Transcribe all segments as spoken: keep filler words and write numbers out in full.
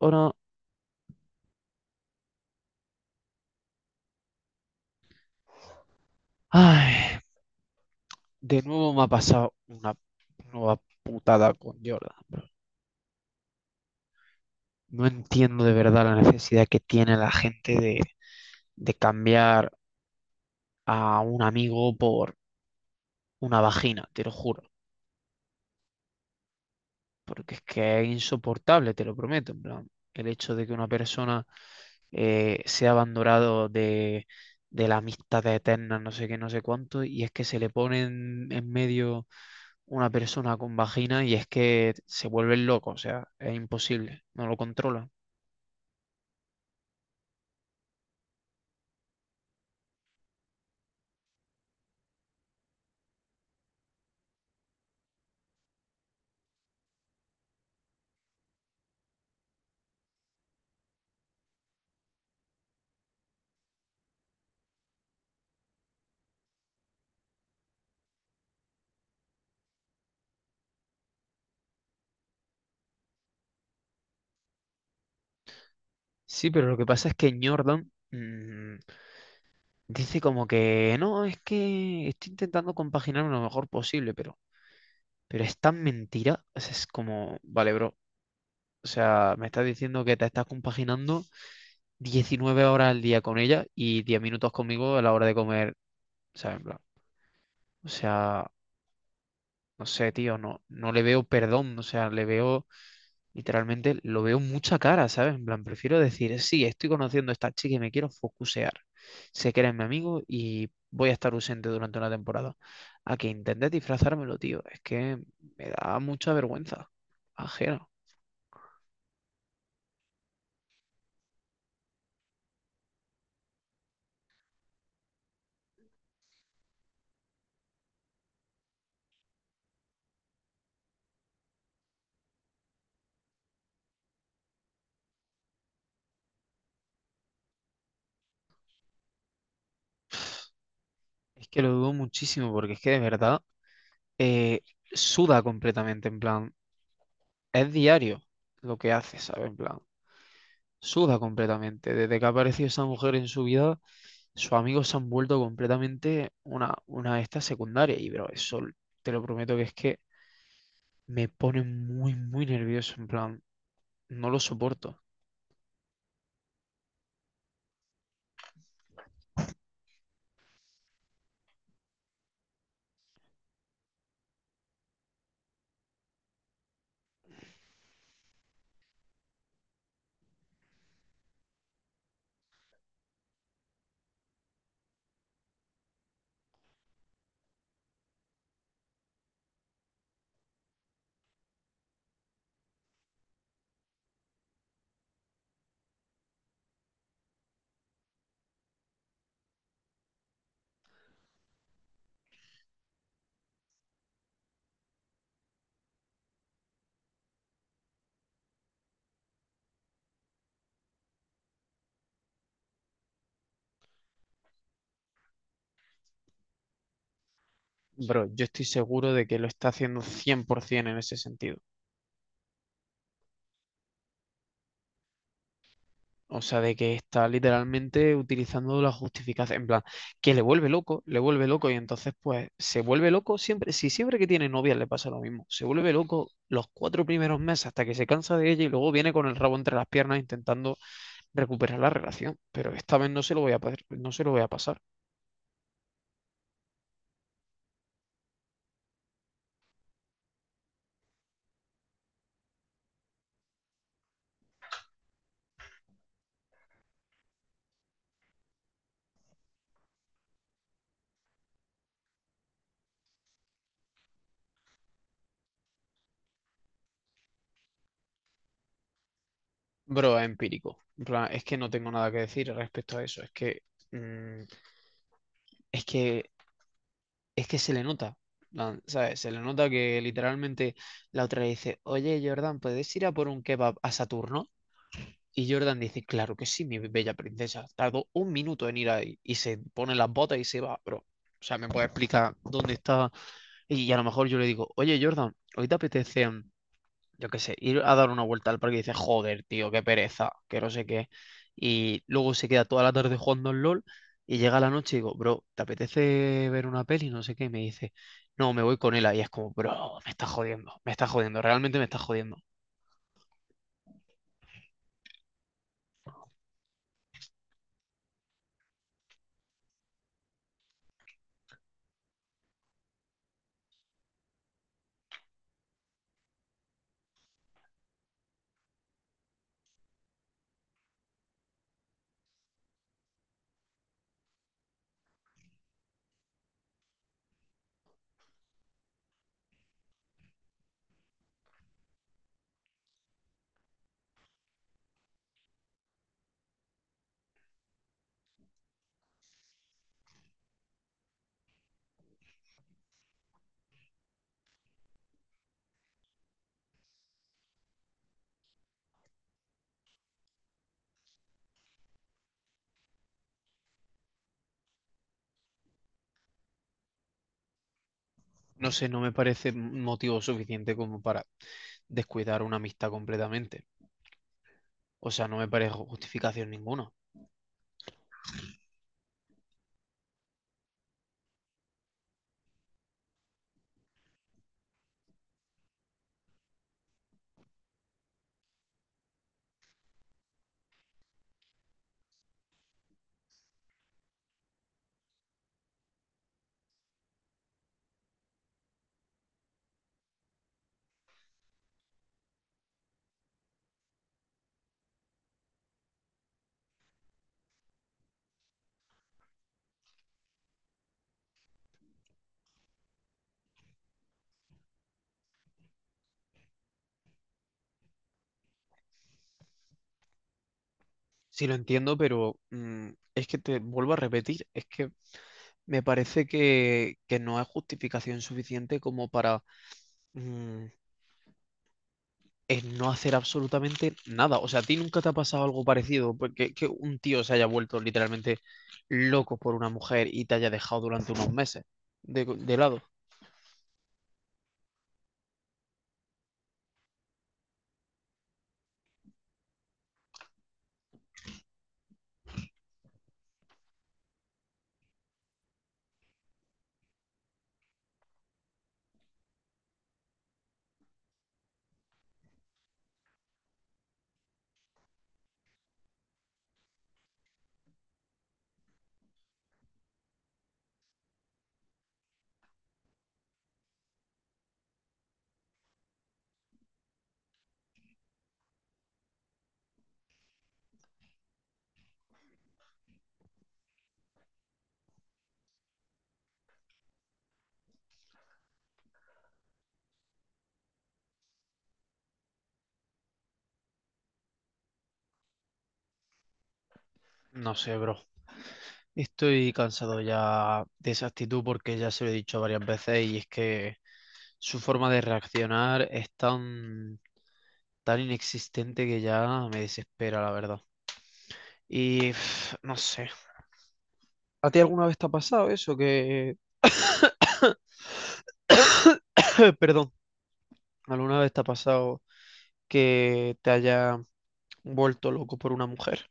Ahora, ay, de nuevo me ha pasado una nueva putada con Jordan, bro. No entiendo de verdad la necesidad que tiene la gente de, de cambiar a un amigo por una vagina, te lo juro. Porque es que es insoportable, te lo prometo, en plan, el hecho de que una persona eh, sea abandonado de, de la amistad eterna, no sé qué, no sé cuánto, y es que se le pone en, en medio una persona con vagina y es que se vuelven locos, o sea, es imposible, no lo controlan. Sí, pero lo que pasa es que Jordan mm, dice como que no, es que estoy intentando compaginarme lo mejor posible, pero, pero es tan mentira, o sea, es como, vale, bro. O sea, me estás diciendo que te estás compaginando diecinueve horas al día con ella y diez minutos conmigo a la hora de comer, ¿sabes? En plan, o sea, no sé, tío, no, no le veo perdón, o sea, le veo, literalmente, lo veo mucha cara, ¿sabes? En plan, prefiero decir, sí, estoy conociendo a esta chica y me quiero focusear. Sé que eres mi amigo y voy a estar ausente durante una temporada. A que intentes disfrazármelo, tío, es que me da mucha vergüenza ajena. Es que lo dudo muchísimo porque es que de verdad eh, suda completamente, en plan, es diario lo que hace, ¿sabes? En plan, suda completamente. Desde que ha aparecido esa mujer en su vida, sus amigos se han vuelto completamente una, una de estas secundarias. Y, bro, eso te lo prometo que es que me pone muy, muy nervioso, en plan, no lo soporto. Bro, yo estoy seguro de que lo está haciendo cien por ciento en ese sentido. O sea, de que está literalmente utilizando la justificación, en plan, que le vuelve loco, le vuelve loco y entonces pues se vuelve loco siempre, si siempre que tiene novia le pasa lo mismo, se vuelve loco los cuatro primeros meses hasta que se cansa de ella y luego viene con el rabo entre las piernas intentando recuperar la relación, pero esta vez no se lo voy a, pa- no se lo voy a pasar. Bro, es empírico, en plan, es que no tengo nada que decir respecto a eso, es que, mm, es que es que se le nota, plan, ¿sabes? Se le nota que literalmente la otra le dice, oye Jordan, ¿puedes ir a por un kebab a Saturno? Y Jordan dice, claro que sí, mi bella princesa. Tardó un minuto en ir ahí y se pone las botas y se va, bro. O sea, me puede explicar dónde está. Y a lo mejor yo le digo, oye Jordan, ¿hoy te apetece mm, yo qué sé, ir a dar una vuelta al parque? Y dices, joder, tío, qué pereza, que no sé qué. Y luego se queda toda la tarde jugando al LOL y llega la noche y digo, bro, ¿te apetece ver una peli? No sé qué. Y me dice, no, me voy con él. Y es como, bro, me está jodiendo, me está jodiendo, realmente me está jodiendo. No sé, no me parece motivo suficiente como para descuidar una amistad completamente. O sea, no me parece justificación ninguna. Sí lo entiendo, pero mm, es que te vuelvo a repetir, es que me parece que, que no es justificación suficiente como para mm, el no hacer absolutamente nada. O sea, ¿a ti nunca te ha pasado algo parecido? Porque que un tío se haya vuelto literalmente loco por una mujer y te haya dejado durante unos meses de, de lado. No sé, bro. Estoy cansado ya de esa actitud porque ya se lo he dicho varias veces y es que su forma de reaccionar es tan, tan inexistente que ya me desespera, la verdad. Y pf, no sé. ¿A ti alguna vez te ha pasado eso? Que, perdón, ¿alguna vez te ha pasado que te haya vuelto loco por una mujer?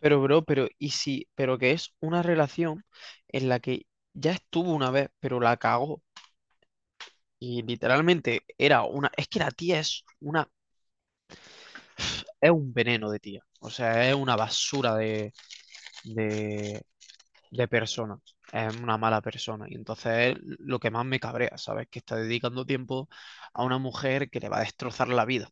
Pero, bro, pero, ¿y si, pero que es una relación en la que ya estuvo una vez, pero la cagó? Y literalmente era una, es que la tía es una, es un veneno de tía. O sea, es una basura de, de, de persona. Es una mala persona. Y entonces es lo que más me cabrea, ¿sabes? Que está dedicando tiempo a una mujer que le va a destrozar la vida.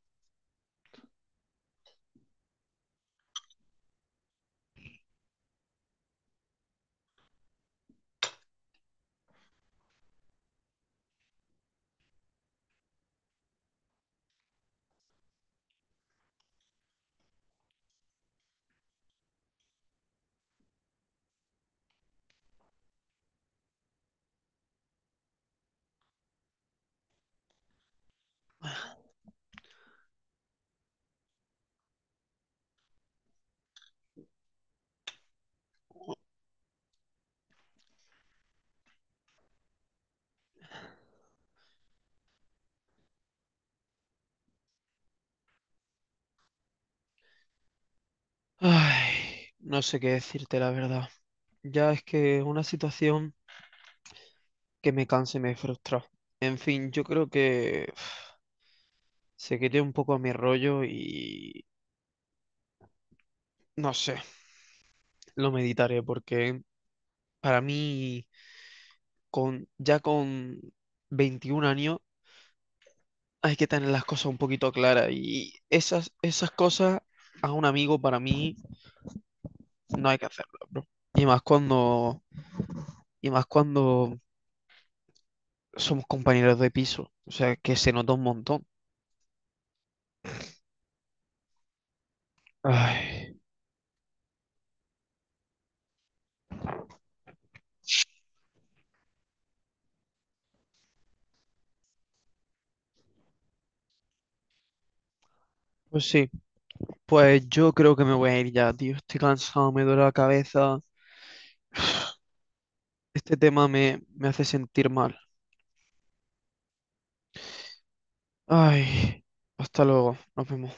Ay, no sé qué decirte la verdad. Ya es que es una situación que me cansa y me frustra. En fin, yo creo que uf, se quite un poco a mi rollo y no sé, lo meditaré porque para mí con ya con veintiún años hay que tener las cosas un poquito claras y esas esas cosas a un amigo para mí no hay que hacerlo, bro. Y más cuando y más cuando somos compañeros de piso, o sea, que se nota un montón. Ay, pues sí, pues yo creo que me voy a ir ya, tío. Estoy cansado, me duele la cabeza. Este tema me, me hace sentir mal. Ay, hasta luego, nos vemos.